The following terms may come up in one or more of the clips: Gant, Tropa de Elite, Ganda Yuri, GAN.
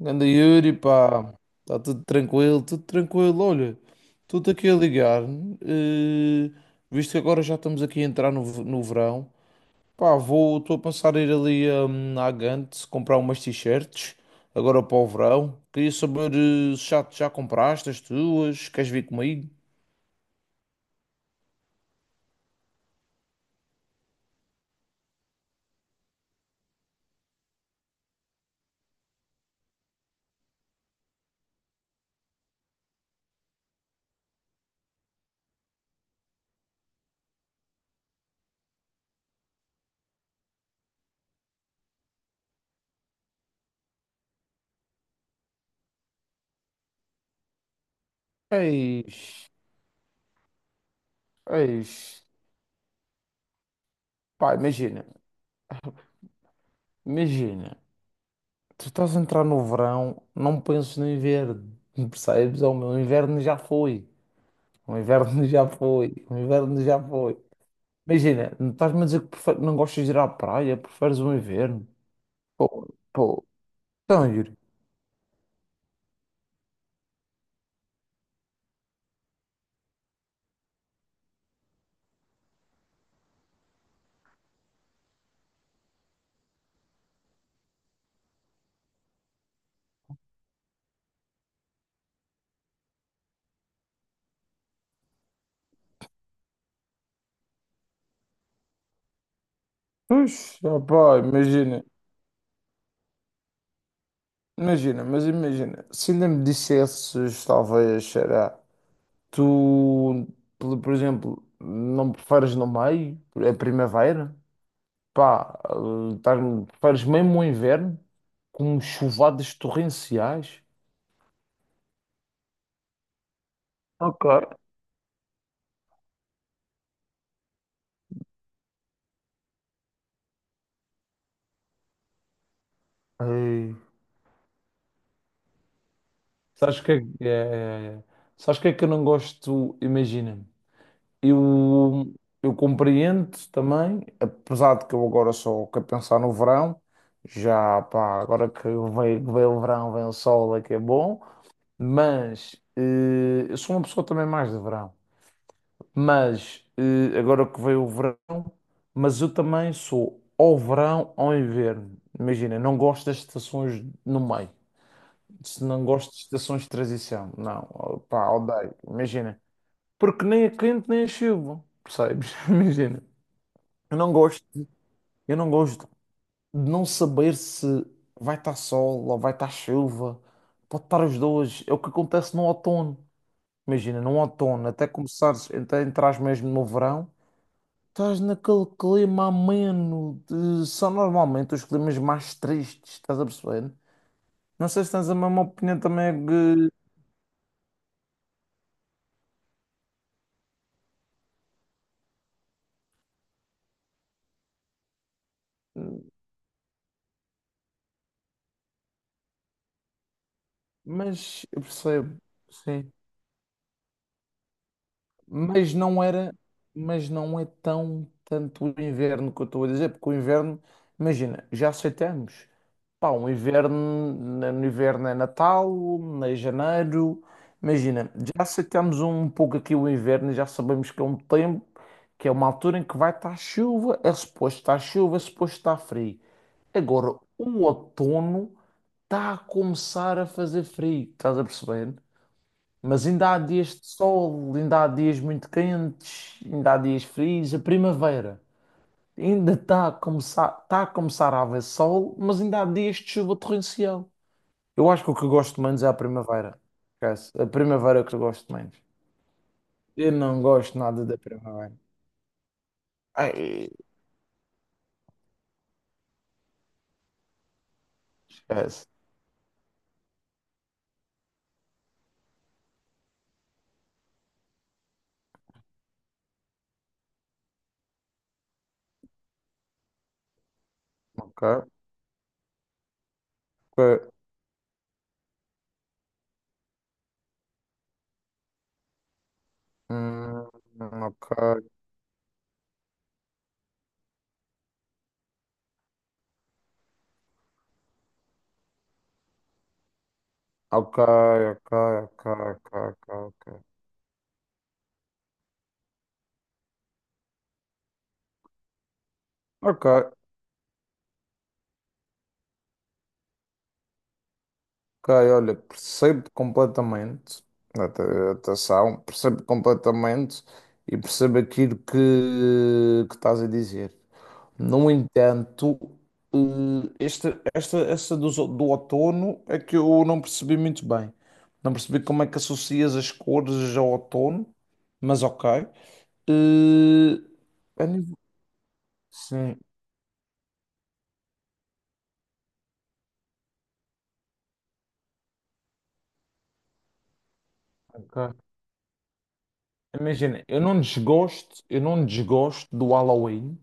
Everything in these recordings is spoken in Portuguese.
Ganda Yuri, pá, está tudo tranquilo, tudo tranquilo. Olha, tudo aqui a ligar, eh, visto que agora já estamos aqui a entrar no verão, pá, vou, estou a pensar em ir ali à Gant comprar umas t-shirts agora para o verão. Queria saber se já, já compraste as tuas, queres vir comigo? Eis, eis, pá, imagina, tu estás a entrar no verão, não penses no inverno, percebes? Inverno já foi. O inverno já foi. O inverno já foi. Imagina, não estás-me a dizer que não gostas de ir à praia, preferes o inverno? Pô, pô. Então, Yuri. Pois, opá, imagina. Imagina. Se ainda me dissesses, talvez, será. Tu, por exemplo, não preferes no meio, a primavera? Pá, preferes mesmo o inverno? Com chuvadas torrenciais? Ok. Ei, Sabes que é, sabes que é que eu não gosto? Imagina, eu, eu compreendo também, apesar de que eu agora só quero pensar no verão, já pá, agora que vem o verão, vem o sol, é que é bom, mas eu sou uma pessoa também mais de verão, mas agora que veio o verão, mas eu também sou ao verão, ao inverno. Imagina, não gosto das estações no meio. Se não gosto de estações de transição, não, oh, pá, odeio, imagina. Porque nem é quente nem é chuva, percebes? Imagina. Eu não gosto, eu não gosto de não saber se vai estar sol ou vai estar chuva. Pode estar os dois. É o que acontece no outono. Imagina, no outono, até começares, até entrares mesmo no verão, estás naquele clima ameno. De... São normalmente os climas mais tristes, estás a perceber? Não sei se tens a mesma opinião também que. Mas eu percebo, sim. Mas não era, mas não é tão tanto o inverno que eu estou a dizer, porque o inverno, imagina, já aceitamos. Pá, um inverno, no inverno é Natal, em janeiro, imagina, já aceitamos um pouco aqui o inverno, já sabemos que é um tempo, que é uma altura em que vai estar chuva, é suposto estar chuva, é suposto estar frio. Agora, o outono está a começar a fazer frio, estás a perceber? Mas ainda há dias de sol, ainda há dias muito quentes, ainda há dias frios. A primavera ainda está a começar a haver sol, mas ainda há dias de chuva torrencial. Eu acho que o que eu gosto menos é a primavera. Esquece. A primavera é que eu gosto menos. Eu não gosto nada da primavera. Ai, esquece. Ok. Ok. Hum, ok. Ok, ok, ok, ok, ok. Ok. Ok. Ok, olha, percebo completamente a atenção, percebo completamente e percebo aquilo que estás a dizer. No entanto, eh, esta, essa do outono é que eu não percebi muito bem. Não percebi como é que associas as cores ao outono, mas ok. Eh, a nível- Sim, ok. Imagina, eu não desgosto do Halloween.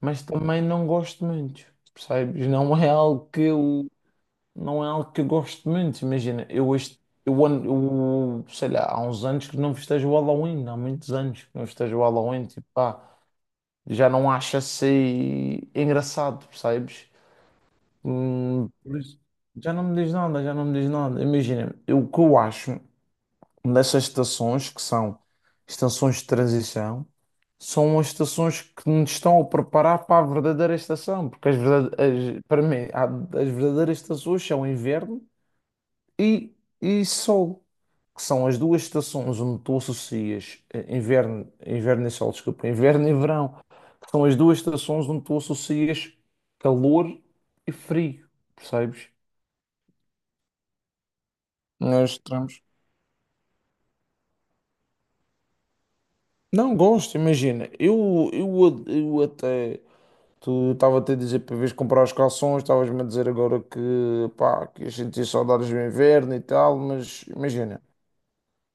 Mas também não gosto muito, percebes? Não é algo que eu, não é algo que eu gosto muito. Imagina, eu, sei lá, há uns anos que não festejo o Halloween, há muitos anos que não festejo o Halloween, tipo, pá, já não acho assim engraçado, percebes? Por isso, já não me diz nada. Imagina, o que eu acho nessas estações, que são estações de transição, são as estações que nos estão a preparar para a verdadeira estação, porque as verdade- as- para mim, as verdadeiras estações são inverno e, e sol, que são as duas estações onde tu associas inverno e sol, desculpa, inverno e verão, que são as duas estações onde tu associas calor e frio, percebes? Nós estamos. Não gosto, imagina. Eu até. Tu estava-te a dizer para vez comprar os calções, estavas-me a dizer agora que, pá, que a gente ia sentir saudades do inverno e tal, mas imagina,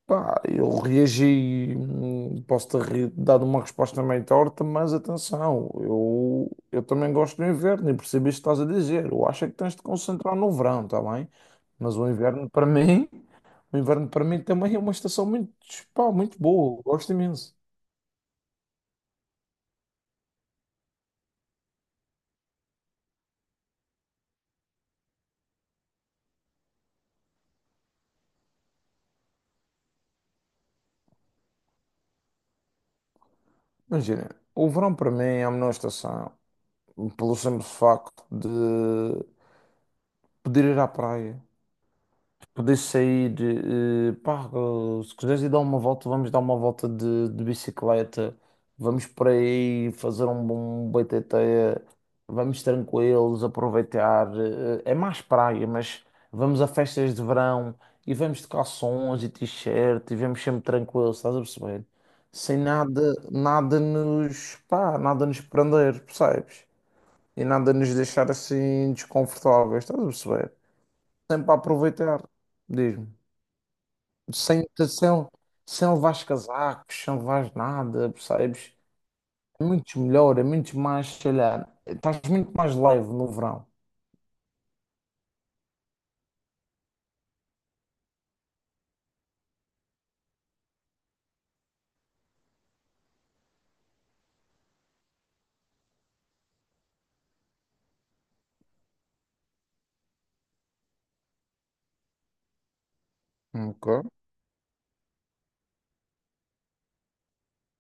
pá, eu reagi, dado uma resposta meio torta, mas atenção, eu também gosto do inverno e percebi isto que estás a dizer. Eu acho é que tens de concentrar no verão, está bem? Mas o inverno para mim também é uma estação muito, pá, muito boa, eu gosto imenso. Imagina, o verão para mim é a menor estação, pelo simples facto de poder ir à praia, de poder sair, pá, se quiseres ir dar uma volta, vamos dar uma volta de bicicleta, vamos por aí fazer um bom BTT, vamos tranquilos, aproveitar, é mais praia, mas vamos a festas de verão e vamos de calções e t-shirt e vamos sempre tranquilos, estás a perceber? Sem nada, nada nos, pá, nada nos prender, percebes? E nada nos deixar assim desconfortáveis, estás a perceber? Sempre a aproveitar, diz-me. Sem, sem, sem levar os casacos, sem levar nada, percebes? É muito melhor, é muito mais, sei lá, estás muito mais leve no verão. Ok.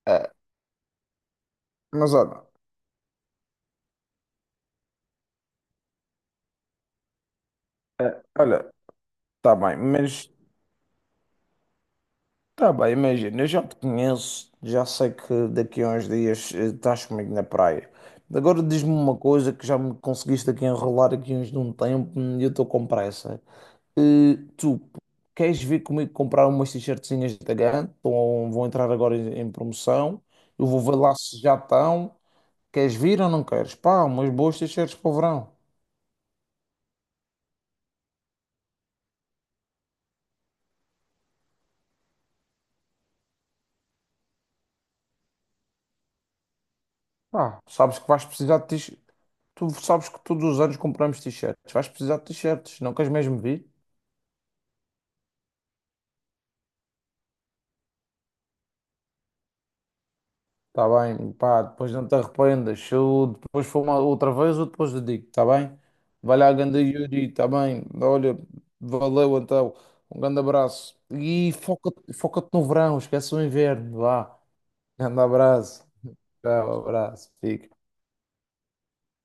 É, mas olha, é, olha, tá bem, imagina, eu já te conheço, já sei que daqui a uns dias estás comigo na praia. Agora diz-me uma coisa que já me conseguiste aqui enrolar aqui uns de um tempo e eu estou com pressa. Tu queres vir comigo comprar umas t-shirtzinhas da GAN? Vão entrar agora em promoção. Eu vou ver lá se já estão. Queres vir ou não queres? Pá, umas boas t-shirts para o verão. Pá, sabes que vais precisar de t-shirts. Tu sabes que todos os anos compramos t-shirts. Vais precisar de t-shirts. Não queres mesmo vir? Tá bem, pá, depois não te arrependas. Se eu depois for uma outra vez, eu depois te digo, tá bem? Vai lá, ganda Yuri, tá bem? Olha, valeu então. Um grande abraço. E foca-te no verão, esquece o inverno, vá. Grande abraço. Tchau, abraço. Fica.